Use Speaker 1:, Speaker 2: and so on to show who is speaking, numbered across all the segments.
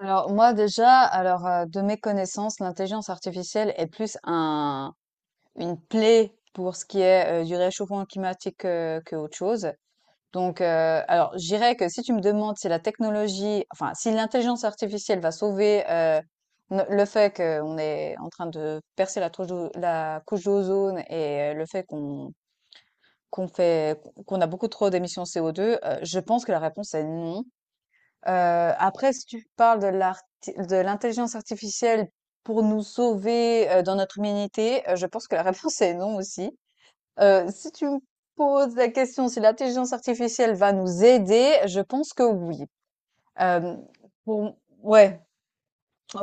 Speaker 1: Alors moi déjà, de mes connaissances, l'intelligence artificielle est plus une plaie pour ce qui est du réchauffement climatique que autre chose. Donc alors je dirais que si tu me demandes si la technologie, enfin si l'intelligence artificielle va sauver le fait qu'on est en train de percer la couche d'ozone et le fait qu'on fait qu'on a beaucoup trop d'émissions CO2, je pense que la réponse est non. Heu, après, si tu parles de l'arti de l'intelligence artificielle pour nous sauver, dans notre humanité, je pense que la réponse est non aussi. Si tu me poses la question si l'intelligence artificielle va nous aider, je pense que oui. Hem, bon, ouais,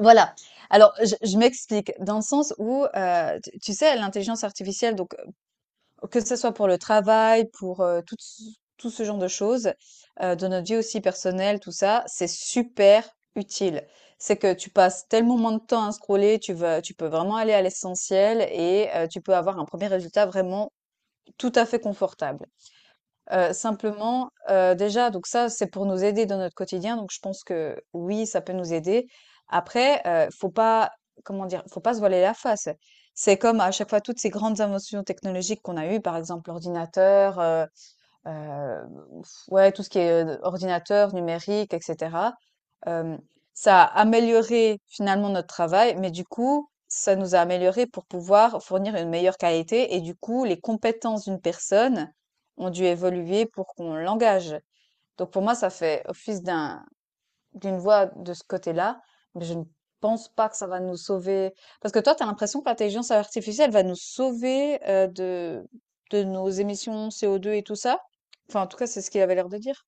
Speaker 1: voilà. Alors je m'explique, dans le sens où, tu l'intelligence artificielle donc que ce soit pour le travail, pour, tout ce genre de choses, dans notre vie aussi personnelle, tout ça, c'est super utile. C'est que tu passes tellement moins de temps à scroller, tu peux vraiment aller à l'essentiel et tu peux avoir un premier résultat vraiment tout à fait confortable. Déjà donc ça, c'est pour nous aider dans notre quotidien, donc je pense que oui, ça peut nous aider. Après, faut pas, comment dire? Faut pas se voiler la face. C'est comme à chaque fois toutes ces grandes inventions technologiques qu'on a eues, par exemple l'ordinateur, Heu, ouais, tout ce qui est, ordinateur, numérique et cetera. Hem, ça a amélioré finalement notre travail, mais du coup, ça nous a amélioré pour pouvoir fournir une meilleure qualité et du coup, les compétences d'une personne ont dû évoluer pour qu'on l'engage. Donc pour moi, ça fait office d'une voix de ce côté-là, mais je ne pense pas que ça va nous sauver. Parce que toi, tu as l'impression que l'intelligence artificielle va nous sauver de nos émissions CO2 et tout ça. Enfin, en tout cas, c'est ce qu'il avait l'air de dire.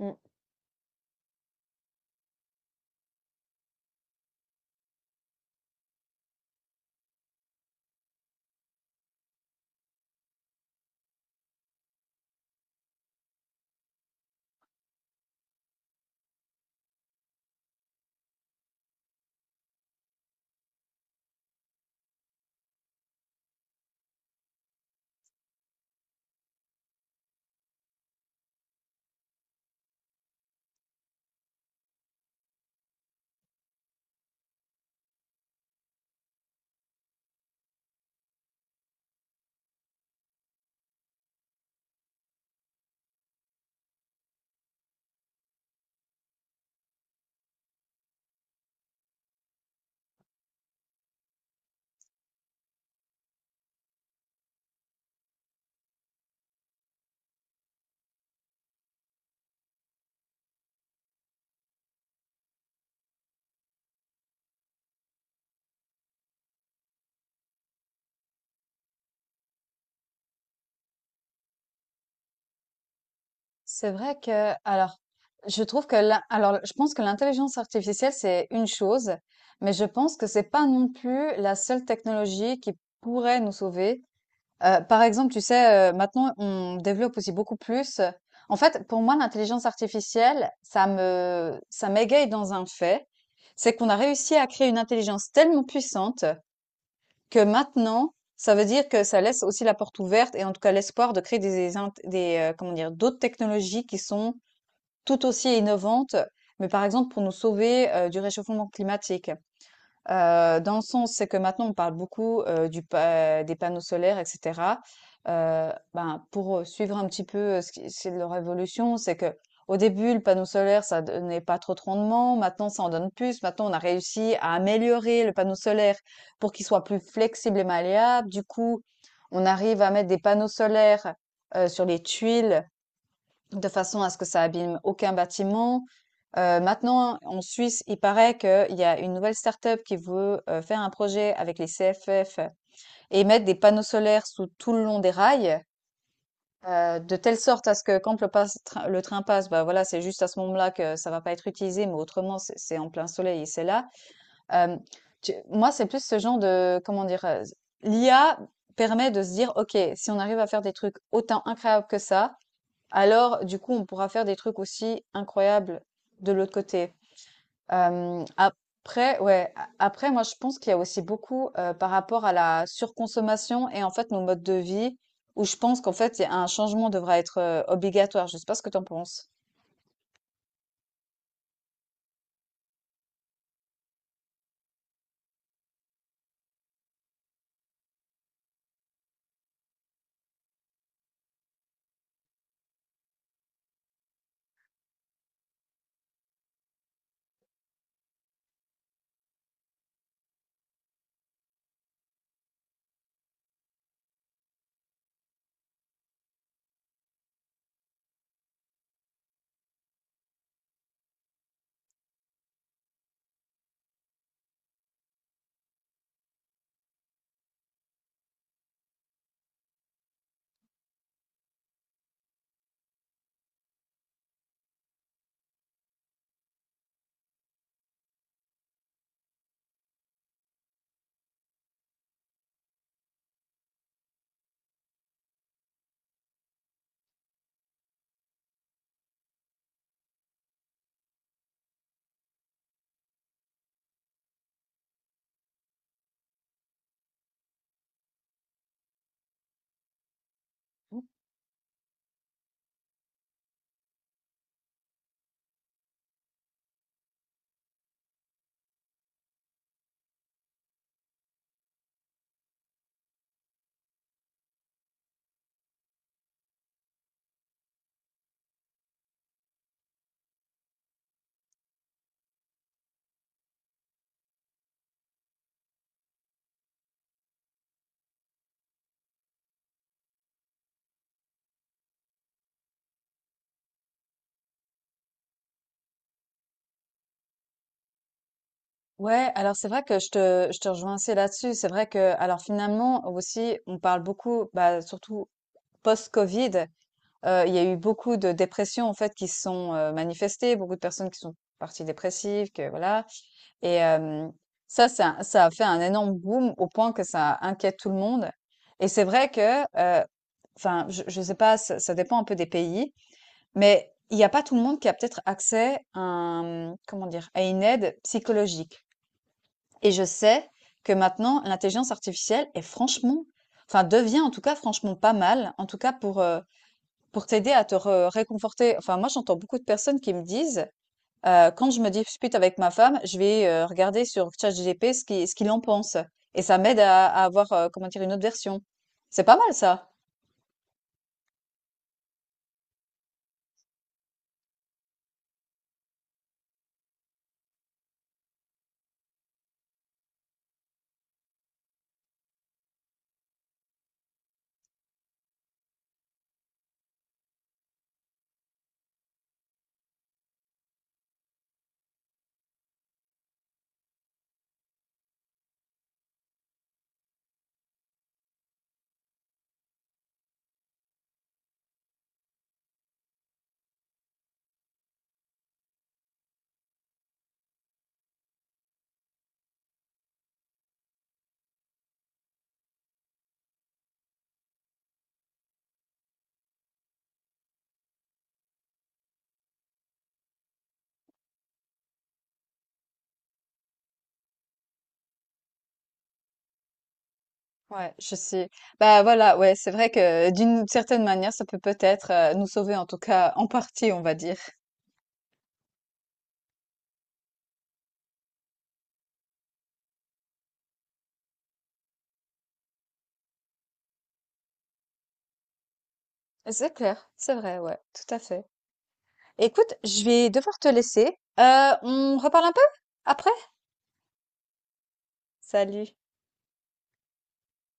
Speaker 1: Mm. C'est vrai que, alors, je trouve que, alors, je pense que l'intelligence artificielle, c'est une chose, mais je pense que c'est pas non plus la seule technologie qui pourrait nous sauver. Par exemple, tu sais, maintenant on développe aussi beaucoup plus en fait, pour moi, l'intelligence artificielle, ça m'égaye dans un fait, c'est qu'on a réussi à créer une intelligence tellement puissante que maintenant, ça veut dire que ça laisse aussi la porte ouverte et en tout cas l'espoir de créer comment dire? D'autres technologies qui sont tout aussi innovantes, mais par exemple pour nous sauver, du réchauffement climatique. Dans le sens, c'est que maintenant on parle beaucoup, du pa des panneaux solaires et cetera. Ben, pour, suivre un petit peu, ce qui c'est leur évolution, c'est que au début, le panneau solaire, ça donnait pas trop de rendement. Maintenant, ça en donne plus. Maintenant, on a réussi à améliorer le panneau solaire pour qu'il soit plus flexible et malléable. Du coup, on arrive à mettre des panneaux solaires, sur les tuiles, de façon à ce que ça abîme aucun bâtiment. Maintenant, en Suisse, il paraît qu'il y a une nouvelle start-up qui veut, faire un projet avec les CFF et mettre des panneaux solaires sous tout le long des rails, de telle sorte à ce que quand le train passe, bah, voilà, c'est juste à ce moment-là que ça va pas être utilisé, mais autrement, c'est en plein soleil et c'est là. Hem, tu moi, c'est plus ce genre de comment dire? l'IA permet de se dire: «OK, si on arrive à faire des trucs autant incroyables que ça, alors, du coup, on pourra faire des trucs aussi incroyables de l'autre côté. Après, ouais, après, moi, je pense qu'il y a aussi beaucoup par rapport à la surconsommation et en fait nos modes de vie, où je pense qu'en fait, il y a un changement devra être obligatoire. Je sais pas ce que tu en penses. Ouais, alors c'est vrai que je te rejoins assez là-dessus. C'est vrai que, alors finalement aussi, on parle beaucoup, bah, surtout post-Covid. Il y a eu beaucoup de dépressions, en fait, qui se sont, manifestées, beaucoup de personnes qui sont parties dépressives, que voilà et ça, ça a fait un énorme boom au point que ça inquiète tout le monde et c'est vrai que, enfin, je sais pas, ça dépend un peu des pays, mais il y a pas tout le monde qui a peut-être accès à un, mmh, comment dire? À une aide psychologique et je sais que maintenant l'intelligence artificielle est franchement enfin, devient en tout cas franchement pas mal, en tout cas pour t'aider à te re réconforter, enfin moi j'entends beaucoup de personnes qui me disent, quand je me dispute avec ma femme, je vais, regarder sur ChatGPT ce qu'il en pense et ça m'aide à avoir, comment dire? Une autre version. C'est pas mal ça. Ouais, je sais. Bah, voilà, ouais, c'est vrai que d'une certaine manière, ça peut peut-être, nous sauver en tout cas en partie, on va dire. C'est clair, c'est vrai, ouais, tout à fait. Écoute, je vais devoir te laisser. On reparle un peu après? Salut.